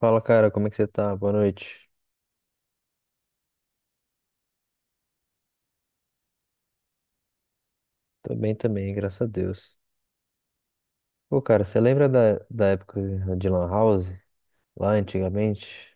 Fala, cara, como é que você tá? Boa noite. Tô bem também, graças a Deus. Pô, cara, você lembra da época de Lan House? Lá antigamente?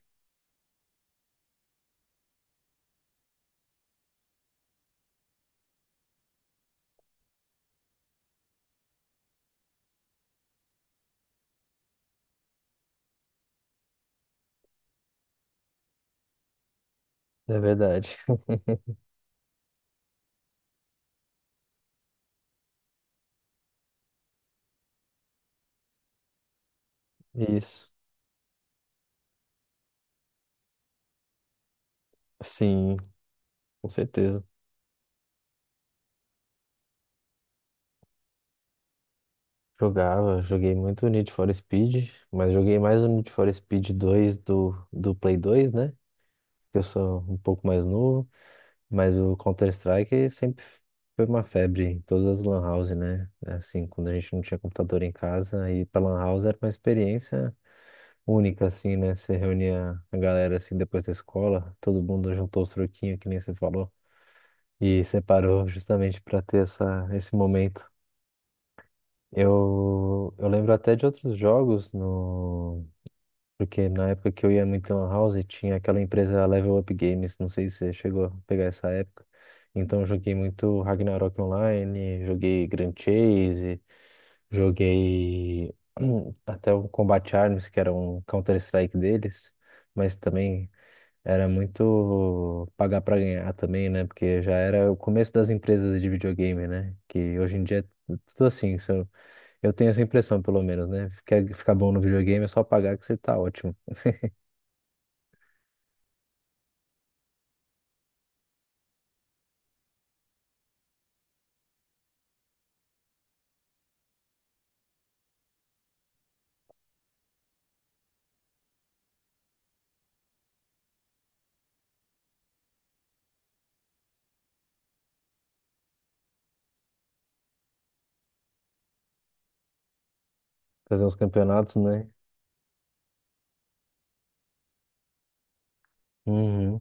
É verdade. Isso. Sim, com certeza. Jogava, joguei muito Need for Speed, mas joguei mais o Need for Speed 2 do Play 2, né? Que eu sou um pouco mais novo, mas o Counter-Strike sempre foi uma febre em todas as lan houses, né? Assim, quando a gente não tinha computador em casa, ir pra lan house era uma experiência única, assim, né? Você reunia a galera, assim, depois da escola, todo mundo juntou os troquinhos, que nem você falou, e separou justamente para ter essa, esse momento. Eu lembro até de outros jogos, no... Porque na época que eu ia muito em Lan House, tinha aquela empresa Level Up Games, não sei se você chegou a pegar essa época. Então, eu joguei muito Ragnarok Online, joguei Grand Chase, joguei até o Combat Arms, que era um Counter-Strike deles, mas também era muito pagar pra ganhar também, né? Porque já era o começo das empresas de videogame, né? Que hoje em dia é tudo assim. Se Eu eu tenho essa impressão, pelo menos, né? Quer ficar bom no videogame, é só pagar que você tá ótimo. Fazer uns campeonatos, né? Uhum,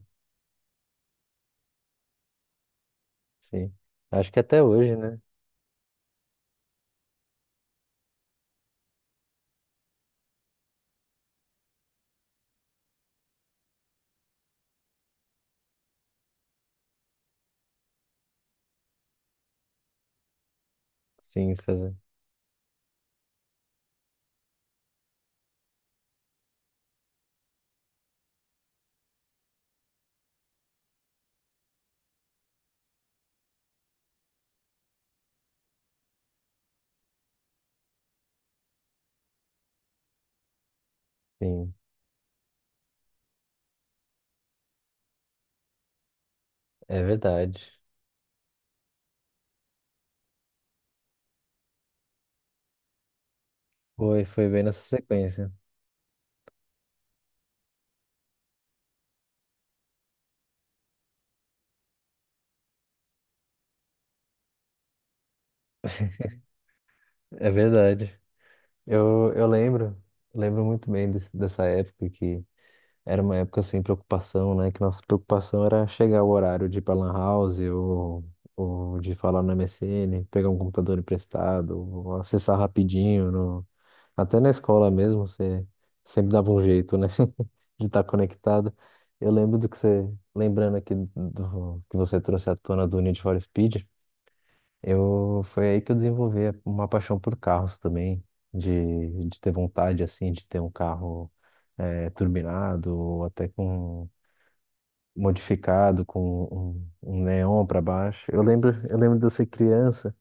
sim. Acho que até hoje, né? Sim, fazer. Sim, é verdade. Foi, foi bem nessa sequência. É verdade. Eu lembro muito bem dessa época que era uma época sem preocupação, né? Que nossa preocupação era chegar o horário de ir pra Lan House ou de falar no MSN, pegar um computador emprestado, ou acessar rapidinho. No... Até na escola mesmo, você sempre dava um jeito, né? De estar conectado. Eu lembro do que você, lembrando aqui do que você trouxe à tona do Need for Speed, foi aí que eu desenvolvi uma paixão por carros também, de ter vontade, assim, de ter um carro turbinado, ou até com modificado, com um neon para baixo. Eu lembro de eu ser criança,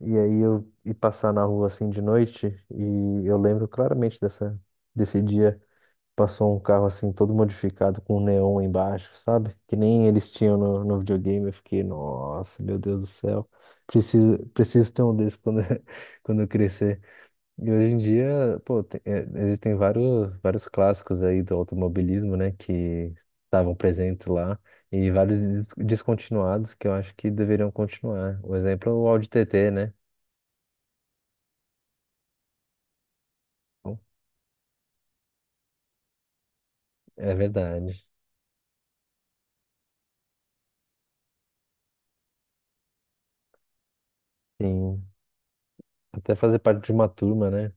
e aí eu ir passar na rua, assim, de noite, e eu lembro claramente dessa, desse dia. Passou um carro assim todo modificado com um neon embaixo, sabe? Que nem eles tinham no videogame. Eu fiquei, nossa, meu Deus do céu. Preciso ter um desse quando, quando eu crescer. E hoje em dia, pô, existem vários, vários clássicos aí do automobilismo, né? Que estavam presentes lá. E vários descontinuados que eu acho que deveriam continuar. O exemplo é o Audi TT, né? Então, é verdade. Sim. Até fazer parte de uma turma, né?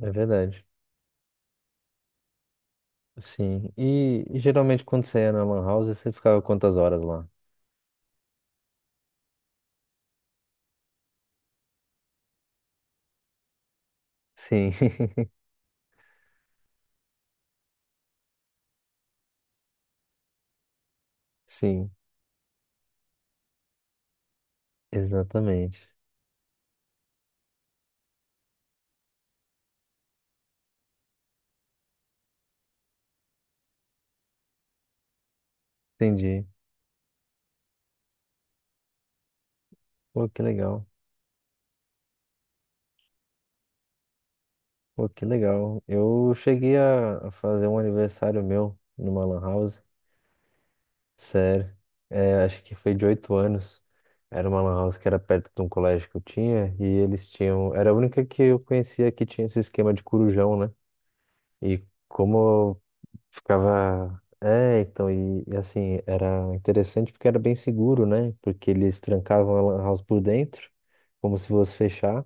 É verdade. Sim. E geralmente quando você ia na Lan House, você ficava quantas horas lá? Sim. Sim, exatamente. Entendi. Pô, que legal. Pô, que legal. Eu cheguei a fazer um aniversário meu numa lan house. Sério. É, acho que foi de 8 anos. Era uma lan house que era perto de um colégio que eu tinha e eles tinham. Era a única que eu conhecia que tinha esse esquema de corujão, né? E como ficava. É, então, e assim, era interessante porque era bem seguro, né? Porque eles trancavam a lan house por dentro, como se fosse fechar,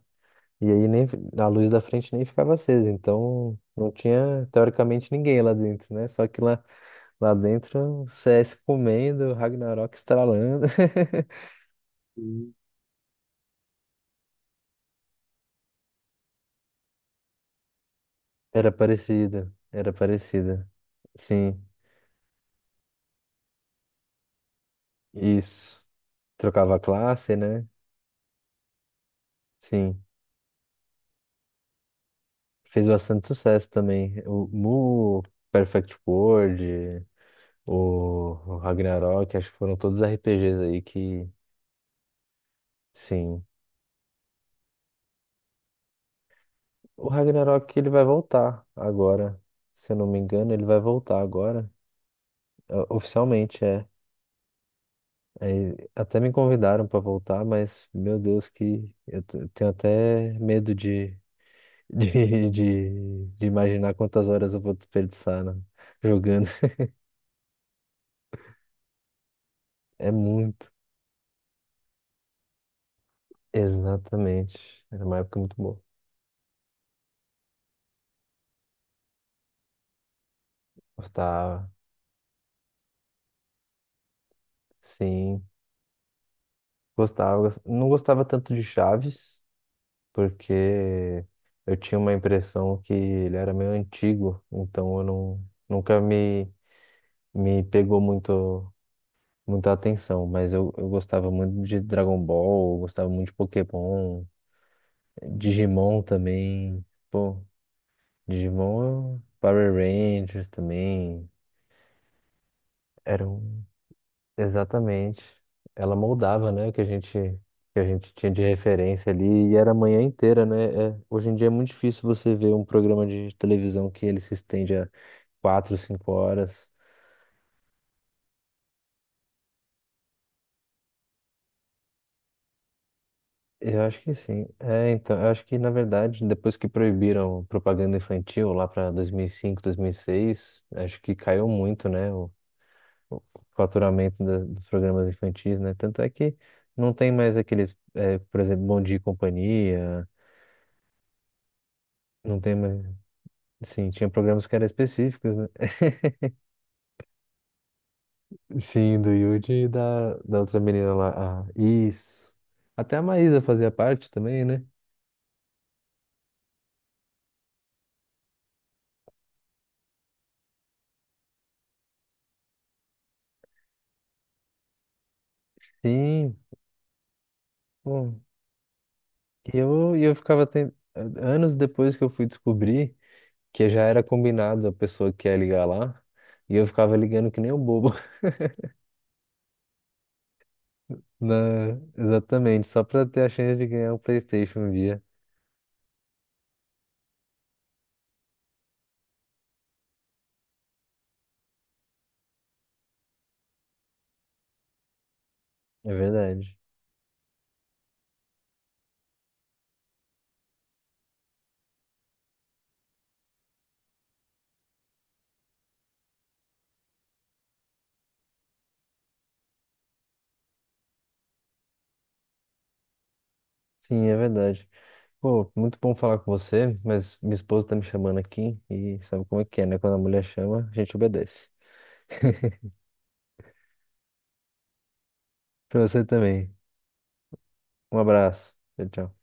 e aí nem a luz da frente nem ficava acesa, então não tinha teoricamente ninguém lá dentro, né? Só que lá dentro, o CS comendo, o Ragnarok estralando. Era parecida, era parecida. Sim, isso. Trocava a classe, né? Sim. Fez bastante sucesso também. O Mu, Perfect World, o Ragnarok, acho que foram todos RPGs aí que, sim. O Ragnarok ele vai voltar agora. Se eu não me engano, ele vai voltar agora. Oficialmente, é. Aí, até me convidaram para voltar, mas meu Deus, que eu tenho até medo de, de imaginar quantas horas eu vou desperdiçar, né, jogando. É muito. Exatamente. Era uma época muito boa. Gostava, sim, gostava. Não gostava tanto de Chaves, porque eu tinha uma impressão que ele era meio antigo, então eu não, nunca me pegou muito, muita atenção. Mas eu gostava muito de Dragon Ball, eu gostava muito de Pokémon, Digimon também. Pô, Digimon, Power Rangers também. Era um Exatamente. Ela moldava, né, o que a gente tinha de referência ali e era a manhã inteira, né? É, hoje em dia é muito difícil você ver um programa de televisão que ele se estende a 4, 5 horas. Eu acho que sim. É, então, eu acho que na verdade, depois que proibiram propaganda infantil lá para dois mil e cinco 2006 acho que caiu muito, né, o faturamento dos programas infantis, né? Tanto é que não tem mais aqueles, é, por exemplo, Bom Dia e Companhia, não tem mais Sim, tinha programas que eram específicos, né? Sim, do Yudi e da outra menina lá, a Is. Até a Maísa fazia parte também, né? Sim, pô. E eu, e eu ficava ten... anos depois que eu fui descobrir que já era combinado a pessoa que ia ligar lá, e eu ficava ligando que nem um bobo. Na... Exatamente, só pra ter a chance de ganhar um PlayStation um dia. É verdade. Sim, é verdade. Pô, muito bom falar com você, mas minha esposa tá me chamando aqui e sabe como é que é, né? Quando a mulher chama, a gente obedece. Pra você também. Um abraço. Tchau, tchau.